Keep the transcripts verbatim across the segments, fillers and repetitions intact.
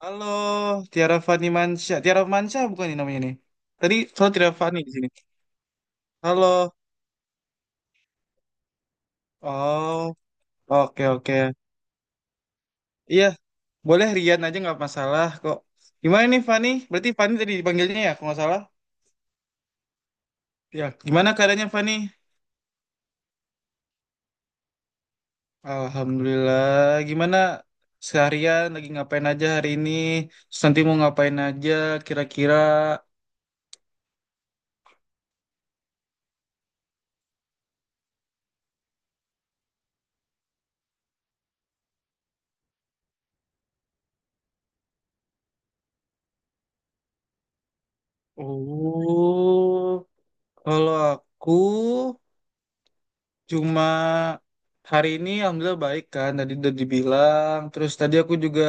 Halo, Tiara Fani Mansyah. Tiara Mansyah bukan ini namanya nih. Tadi soal Tiara Fani di sini. Halo. Oh, oke oke. Iya, boleh Rian aja nggak masalah kok. Gimana nih Fani? Berarti Fani tadi dipanggilnya ya, kalau nggak salah. Ya, gimana keadaannya Fani? Alhamdulillah. Gimana seharian lagi ngapain aja hari ini? Terus nanti mau ngapain aja kira-kira? Oh, kalau aku cuma hari ini alhamdulillah baik kan tadi udah dibilang. Terus tadi aku juga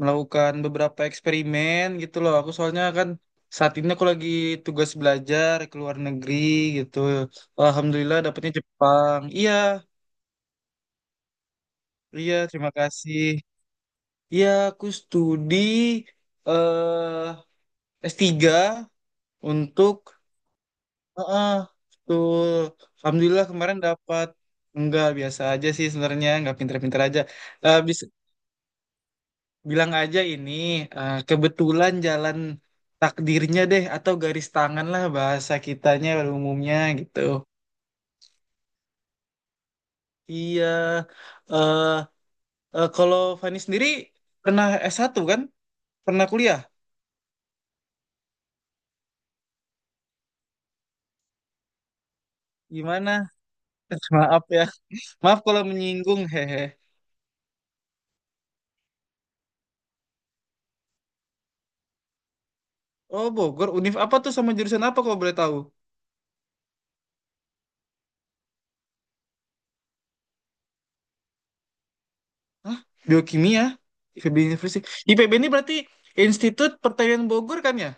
melakukan beberapa eksperimen gitu loh. Aku soalnya kan saat ini aku lagi tugas belajar ke luar negeri gitu. Alhamdulillah dapetnya Jepang. Iya, iya terima kasih. Iya, aku studi eh s tiga untuk. Heeh, betul. Alhamdulillah kemarin dapat. Enggak, biasa aja sih sebenarnya, enggak pinter-pinter aja. Eh, bis- Bilang aja ini eh, kebetulan jalan takdirnya deh atau garis tangan lah bahasa kitanya pada umumnya gitu. Iya, eh eh, kalau Fani sendiri pernah s satu kan? Pernah kuliah? Gimana? Maaf ya, maaf kalau menyinggung hehe. Oh Bogor, Univ apa tuh sama jurusan apa kalau boleh tahu? Hah? Biokimia? I P B University. I P B ini berarti Institut Pertanian Bogor kan ya?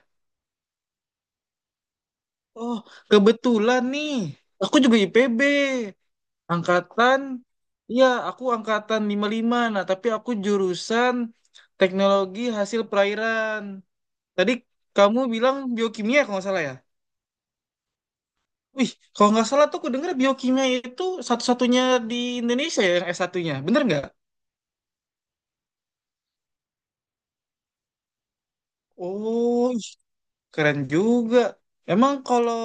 Oh, kebetulan nih. Aku juga I P B. Angkatan, iya aku angkatan lima puluh lima. Nah, tapi aku jurusan teknologi hasil perairan. Tadi kamu bilang biokimia kalau nggak salah ya? Wih, kalau nggak salah tuh aku dengar biokimia itu satu-satunya di Indonesia ya, yang s satunya. Bener nggak? Oh, ih, keren juga. Emang kalau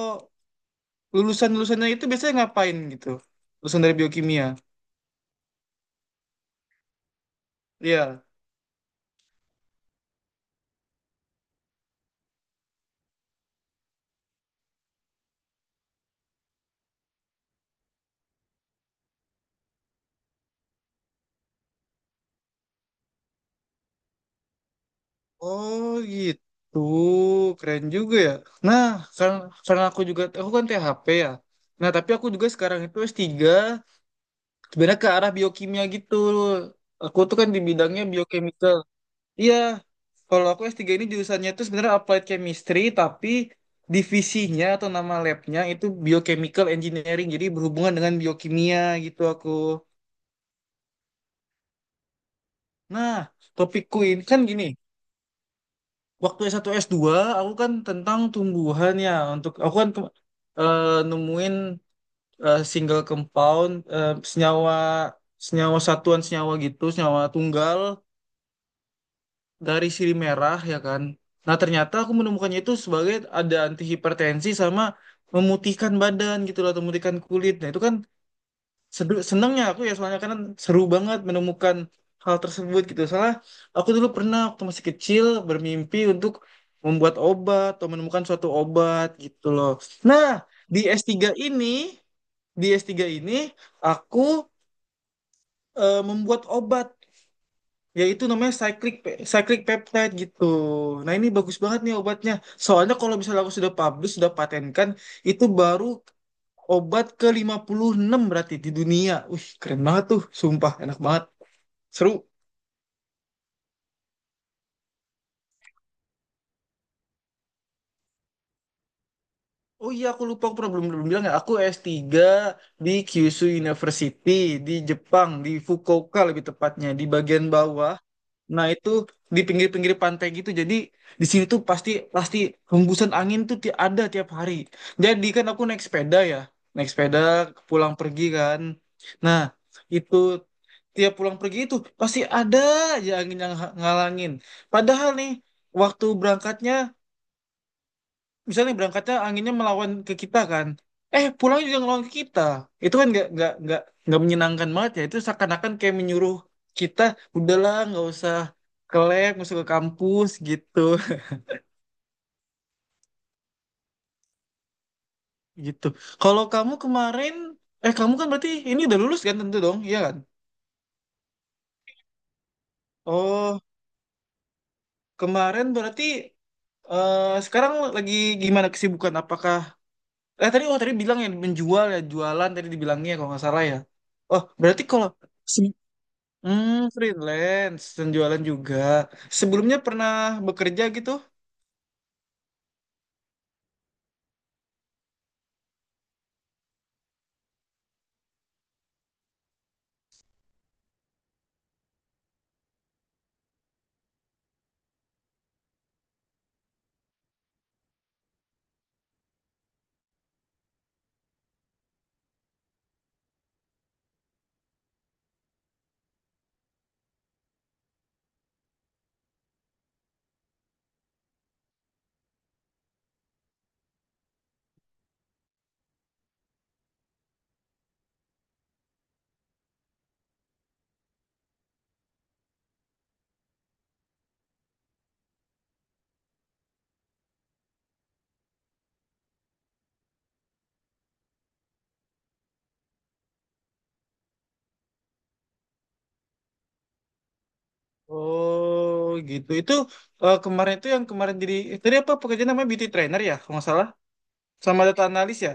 lulusan-lulusannya itu biasanya ngapain gitu? Lulusan dari biokimia. Iya. Oh gitu, keren juga ya. Nah, karena, karena aku juga, aku kan T H P ya. Nah, tapi aku juga sekarang itu s tiga, sebenarnya ke arah biokimia gitu. Aku tuh kan di bidangnya biochemical. Iya, kalau aku s tiga ini jurusannya itu sebenarnya applied chemistry, tapi divisinya atau nama labnya itu biochemical engineering, jadi berhubungan dengan biokimia gitu aku. Nah, topikku ini kan gini, waktu s satu s dua, aku kan tentang tumbuhan ya untuk aku kan ke- eh, nemuin eh, single compound eh, senyawa senyawa satuan senyawa gitu senyawa tunggal dari sirih merah ya kan. Nah ternyata aku menemukannya itu sebagai ada antihipertensi sama memutihkan badan gitu loh, atau memutihkan kulit. Nah itu kan sedu- senengnya aku ya, soalnya kan seru banget menemukan hal tersebut gitu. Soalnya aku dulu pernah waktu masih kecil bermimpi untuk membuat obat atau menemukan suatu obat gitu loh. Nah, di s tiga ini, di s tiga ini aku eh, membuat obat yaitu namanya cyclic pe- cyclic peptide gitu. Nah, ini bagus banget nih obatnya. Soalnya kalau misalnya aku sudah publish, sudah patenkan, itu baru obat ke lima puluh enam berarti di dunia. Wih, keren banget tuh. Sumpah, enak banget. Seru. Oh iya, aku lupa. Aku pernah belum, belum bilang ya. Aku s tiga di Kyushu University di Jepang, di Fukuoka lebih tepatnya, di bagian bawah. Nah, itu di pinggir-pinggir pantai gitu. Jadi, di sini tuh pasti pasti hembusan angin tuh ti- ada tiap hari. Jadi, kan aku naik sepeda ya. Naik sepeda pulang pergi kan. Nah, itu tiap pulang pergi itu pasti ada aja angin yang ha- ngalangin. Padahal nih waktu berangkatnya, misalnya nih berangkatnya anginnya melawan ke kita kan, eh pulang juga ngelawan ke kita. Itu kan nggak nggak nggak nggak menyenangkan banget ya. Itu seakan-akan kayak menyuruh kita udahlah nggak usah ke lab, nggak usah ke kampus gitu gitu. Kalau kamu kemarin, eh kamu kan berarti ini udah lulus kan tentu dong, iya kan? Oh kemarin berarti eh, sekarang lagi gimana kesibukan? Apakah Eh tadi oh tadi bilang ya menjual ya jualan tadi dibilangnya kalau nggak salah ya. Oh berarti kalau hmm, freelance dan jualan juga. Sebelumnya pernah bekerja gitu? Oh gitu. Itu eh, kemarin itu yang kemarin jadi eh, tadi apa pekerjaan namanya beauty trainer ya kalau nggak salah, sama data analis ya.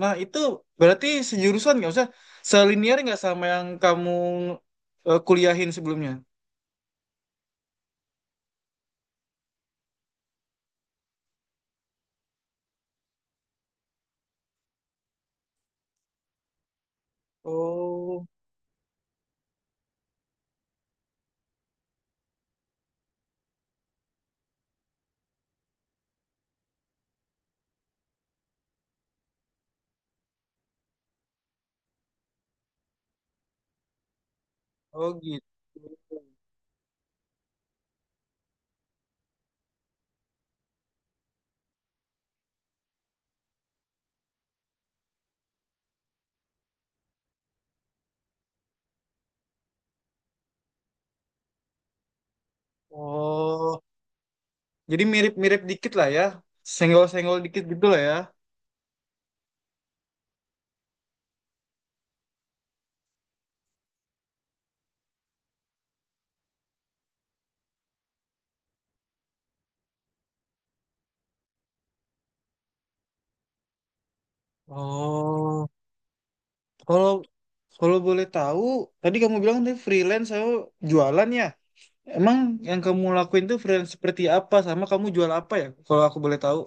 Nah itu berarti sejurusan nggak usah selinier nggak sama yang kamu eh, kuliahin sebelumnya? Oh, oh gitu. Oh, jadi mirip-mirip dikit lah ya. Senggol-senggol dikit gitu lah ya. Oh, kalau kalau boleh tahu, tadi kamu bilang tadi freelance saya jualan ya. Emang yang kamu lakuin tuh freelance seperti apa sama kamu jual apa ya? Kalau aku boleh tahu.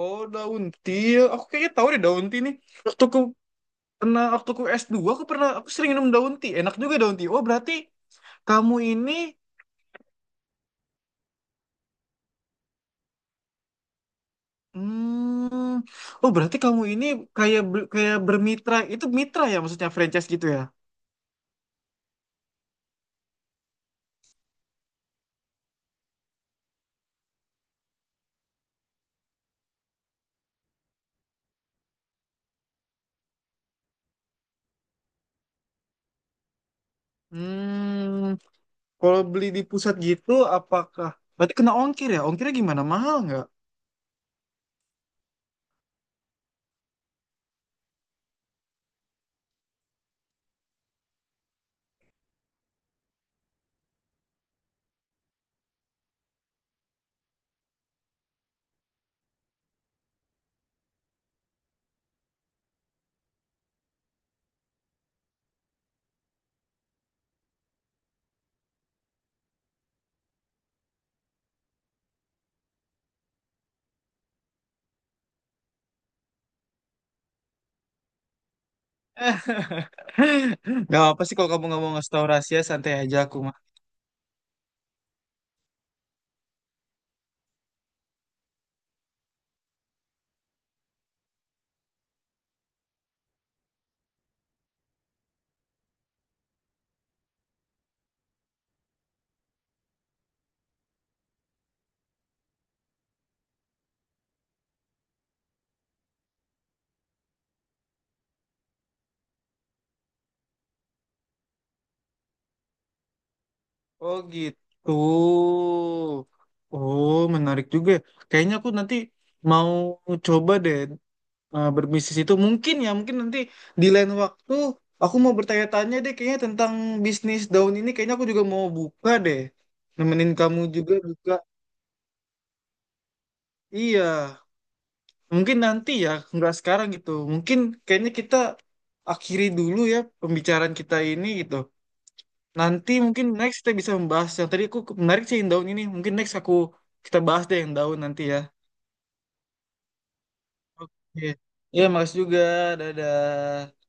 Oh, daun tea. Aku kayaknya tahu deh daun tea nih. Waktu aku pernah waktu aku s dua aku pernah aku sering minum daun tea. Enak juga daun tea. Oh, berarti kamu ini, hmm, oh berarti kamu ini kayak ber- kayak bermitra. Itu mitra ya maksudnya franchise gitu ya? Hmm, Kalau beli di pusat gitu, apakah berarti kena ongkir ya? Ongkirnya gimana? Mahal nggak? Gak apa sih kalau kamu nggak mau ngasih tahu rahasia, santai aja aku mah. Oh gitu. Oh, menarik juga, ya. Kayaknya aku nanti mau coba deh eh, berbisnis itu. Mungkin ya, mungkin nanti di lain waktu aku mau bertanya-tanya deh kayaknya tentang bisnis daun ini. Kayaknya aku juga mau buka deh. Nemenin kamu juga buka. Iya. Mungkin nanti ya, nggak sekarang gitu. Mungkin kayaknya kita akhiri dulu ya pembicaraan kita ini gitu. Nanti mungkin next kita bisa membahas yang tadi aku menarik sih yang daun ini. Mungkin next aku kita bahas deh yang daun nanti ya. Iya, iya, makasih juga. Dadah.